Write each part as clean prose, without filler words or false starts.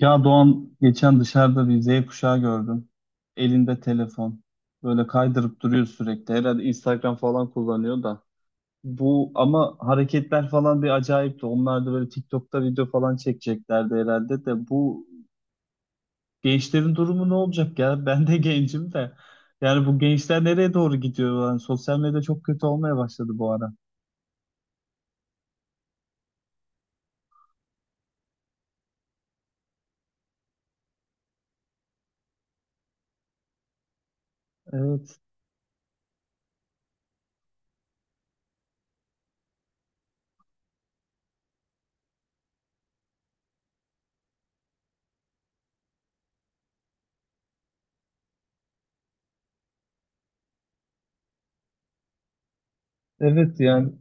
Ya Doğan geçen dışarıda bir Z kuşağı gördüm. Elinde telefon. Böyle kaydırıp duruyor sürekli. Herhalde Instagram falan kullanıyor da. Bu ama hareketler falan bir acayipti. Onlar da böyle TikTok'ta video falan çekeceklerdi herhalde de. Bu gençlerin durumu ne olacak ya? Ben de gencim de. Yani bu gençler nereye doğru gidiyor? Yani sosyal medya çok kötü olmaya başladı bu ara. Evet. Evet yani.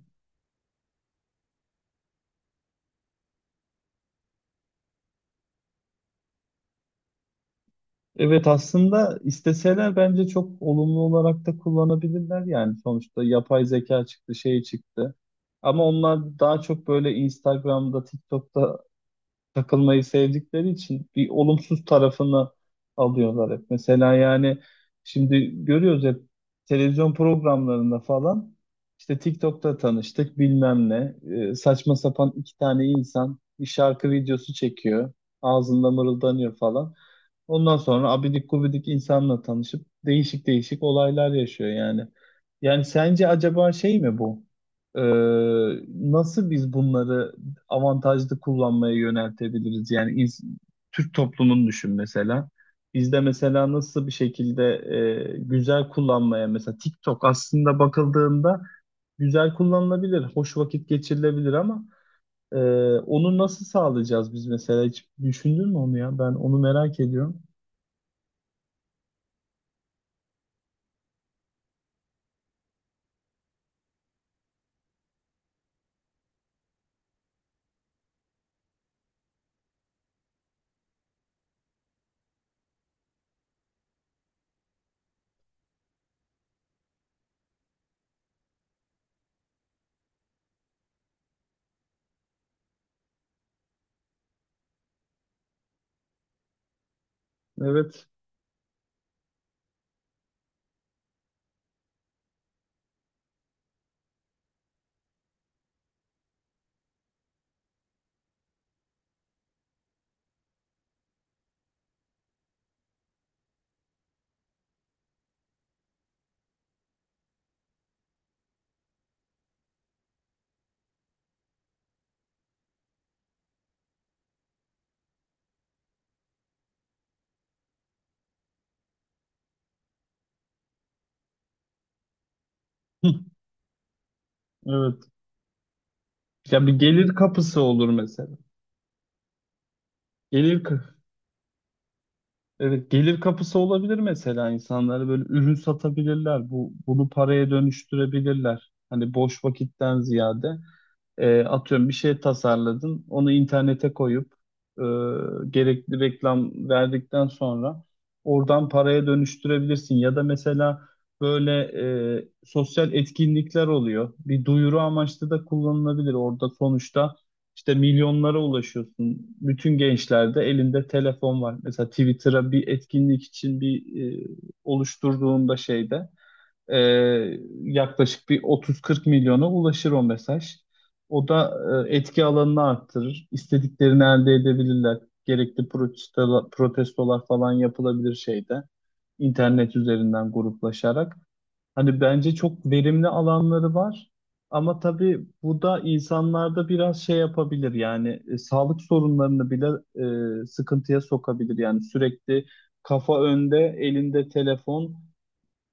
Evet, aslında isteseler bence çok olumlu olarak da kullanabilirler yani sonuçta yapay zeka çıktı şey çıktı ama onlar daha çok böyle Instagram'da TikTok'ta takılmayı sevdikleri için bir olumsuz tarafını alıyorlar hep. Mesela yani şimdi görüyoruz hep televizyon programlarında falan işte TikTok'ta tanıştık bilmem ne. Saçma sapan iki tane insan bir şarkı videosu çekiyor, ağzında mırıldanıyor falan. Ondan sonra abidik gubidik insanla tanışıp değişik değişik olaylar yaşıyor yani. Yani sence acaba şey mi bu? Ee, Nasıl biz bunları avantajlı kullanmaya yöneltebiliriz? Yani Türk toplumunu düşün mesela. Bizde mesela nasıl bir şekilde güzel kullanmaya, mesela TikTok aslında bakıldığında güzel kullanılabilir, hoş vakit geçirilebilir ama e, onu nasıl sağlayacağız biz mesela? Hiç düşündün mü onu ya? Ben onu merak ediyorum. Evet. Hı. Evet. Ya, bir gelir kapısı olur mesela. Gelir ka- Evet, gelir kapısı olabilir, mesela insanlara böyle ürün satabilirler. Bu bunu paraya dönüştürebilirler. Hani boş vakitten ziyade. Atıyorum bir şey tasarladın, onu internete koyup e, gerekli reklam verdikten sonra oradan paraya dönüştürebilirsin. Ya da mesela böyle sosyal etkinlikler oluyor. Bir duyuru amaçlı da kullanılabilir. Orada sonuçta işte milyonlara ulaşıyorsun. Bütün gençlerde elinde telefon var. Mesela Twitter'a bir etkinlik için bir oluşturduğunda şeyde. Ee, Yaklaşık bir 30-40 milyona ulaşır o mesaj. O da etki alanını arttırır. İstediklerini elde edebilirler. Gerekli protestolar falan yapılabilir şeyde. İnternet üzerinden gruplaşarak. Hani bence çok verimli alanları var. Ama tabii bu da insanlarda biraz şey yapabilir yani sağlık sorunlarını bile sıkıntıya sokabilir. Yani sürekli kafa önde, elinde telefon,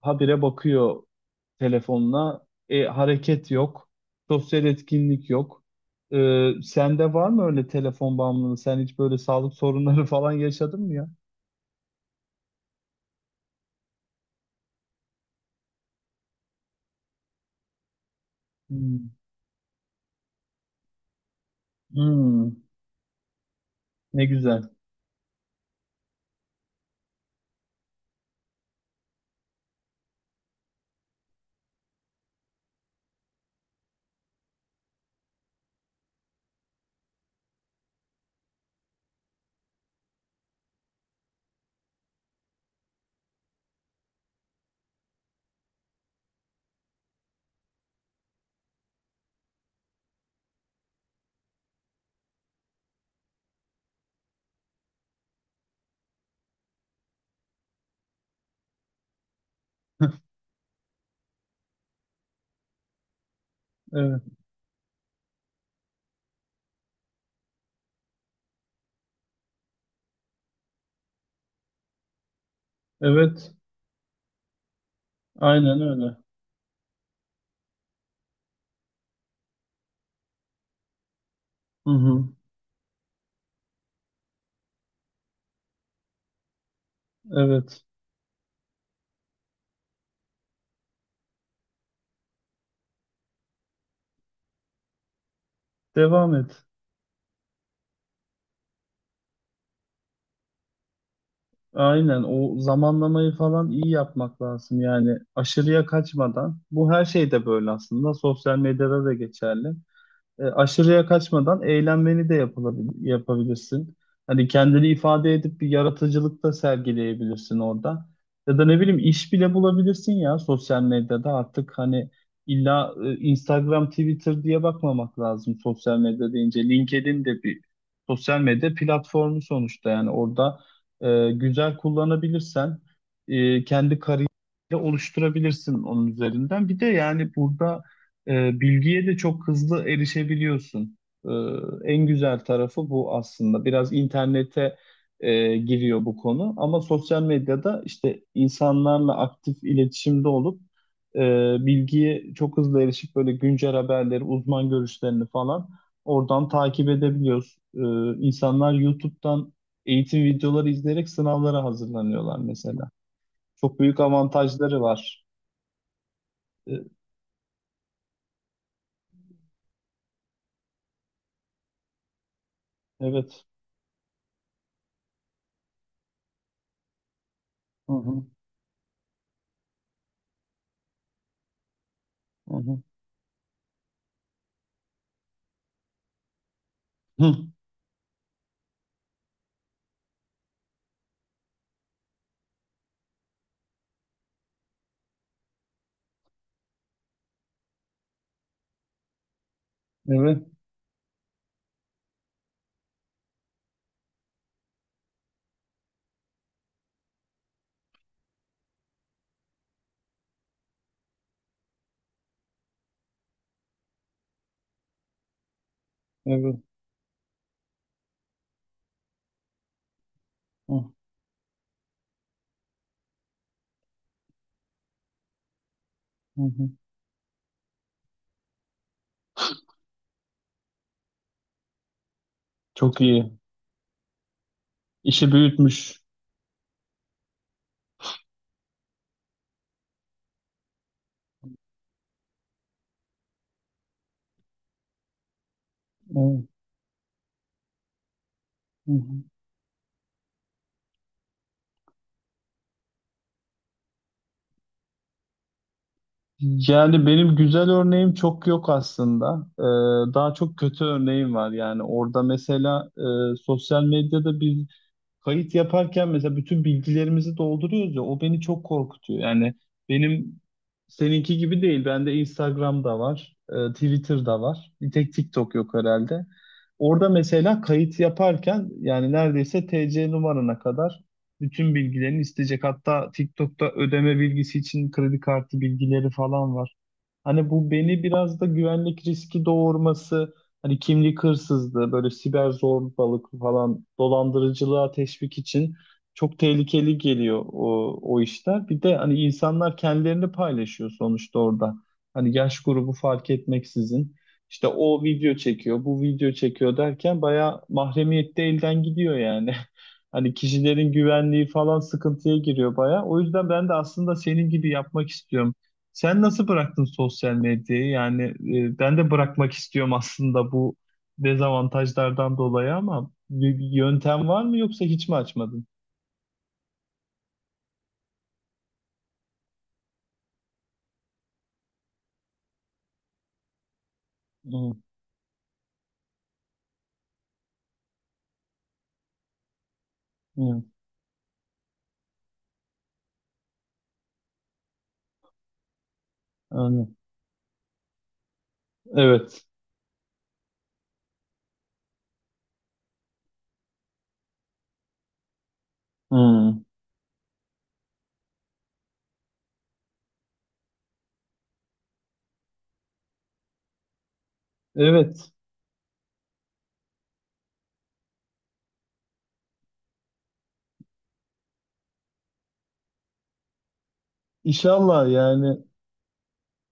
habire bakıyor telefonuna. Hareket yok. Sosyal etkinlik yok. Sende var mı öyle telefon bağımlılığı? Sen hiç böyle sağlık sorunları falan yaşadın mı ya? Hmm. Hmm. Ne güzel. Evet. Evet. Aynen öyle. Hı hı. Evet. Devam et. Aynen. O zamanlamayı falan iyi yapmak lazım. Yani aşırıya kaçmadan. Bu her şeyde böyle aslında. Sosyal medyada da geçerli. Aşırıya kaçmadan eğlenmeni de yapabilirsin. Hani kendini ifade edip bir yaratıcılık da sergileyebilirsin orada. Ya da ne bileyim iş bile bulabilirsin ya, sosyal medyada artık hani illa Instagram, Twitter diye bakmamak lazım sosyal medya deyince. LinkedIn de bir sosyal medya platformu sonuçta, yani orada güzel kullanabilirsen kendi kariyerini oluşturabilirsin onun üzerinden. Bir de yani burada bilgiye de çok hızlı erişebiliyorsun. E, En güzel tarafı bu aslında. Biraz internete giriyor bu konu ama sosyal medyada işte insanlarla aktif iletişimde olup e, bilgiye çok hızlı erişip böyle güncel haberleri, uzman görüşlerini falan oradan takip edebiliyoruz. İnsanlar YouTube'dan eğitim videoları izleyerek sınavlara hazırlanıyorlar mesela. Çok büyük avantajları var. E, evet. Hı hı, hı hı. Hı. Evet, evet. Hı, hı, hı. Çok iyi. İşi büyütmüş. Evet, hı, hı. Yani benim güzel örneğim çok yok aslında. Daha çok kötü örneğim var. Yani orada mesela sosyal medyada biz kayıt yaparken mesela bütün bilgilerimizi dolduruyoruz ya, o beni çok korkutuyor. Yani benim seninki gibi değil. Bende Instagram'da var, Twitter'da var. Bir tek TikTok yok herhalde. Orada mesela kayıt yaparken yani neredeyse TC numarana kadar bütün bilgilerini isteyecek. Hatta TikTok'ta ödeme bilgisi için kredi kartı bilgileri falan var. Hani bu beni biraz da güvenlik riski doğurması. Hani kimlik hırsızlığı, böyle siber zorbalık falan, dolandırıcılığa teşvik için çok tehlikeli geliyor o işler. Bir de hani insanlar kendilerini paylaşıyor sonuçta orada. Hani yaş grubu fark etmeksizin. İşte o video çekiyor, bu video çekiyor derken bayağı mahremiyette elden gidiyor yani. Hani kişilerin güvenliği falan sıkıntıya giriyor bayağı. O yüzden ben de aslında senin gibi yapmak istiyorum. Sen nasıl bıraktın sosyal medyayı? Yani ben de bırakmak istiyorum aslında bu dezavantajlardan dolayı ama bir yöntem var mı yoksa hiç mi açmadın? Hı, hı, anladım. Evet. Hı. Evet. İnşallah yani.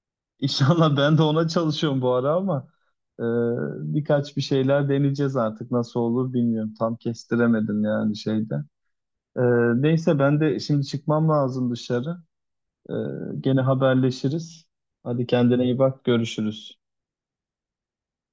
inşallah ben de ona çalışıyorum bu ara ama e, birkaç bir şeyler deneyeceğiz, artık nasıl olur bilmiyorum. Tam kestiremedim yani şeyde. E, Neyse, ben de şimdi çıkmam lazım dışarı. Ee, Gene haberleşiriz. Hadi kendine iyi bak, görüşürüz.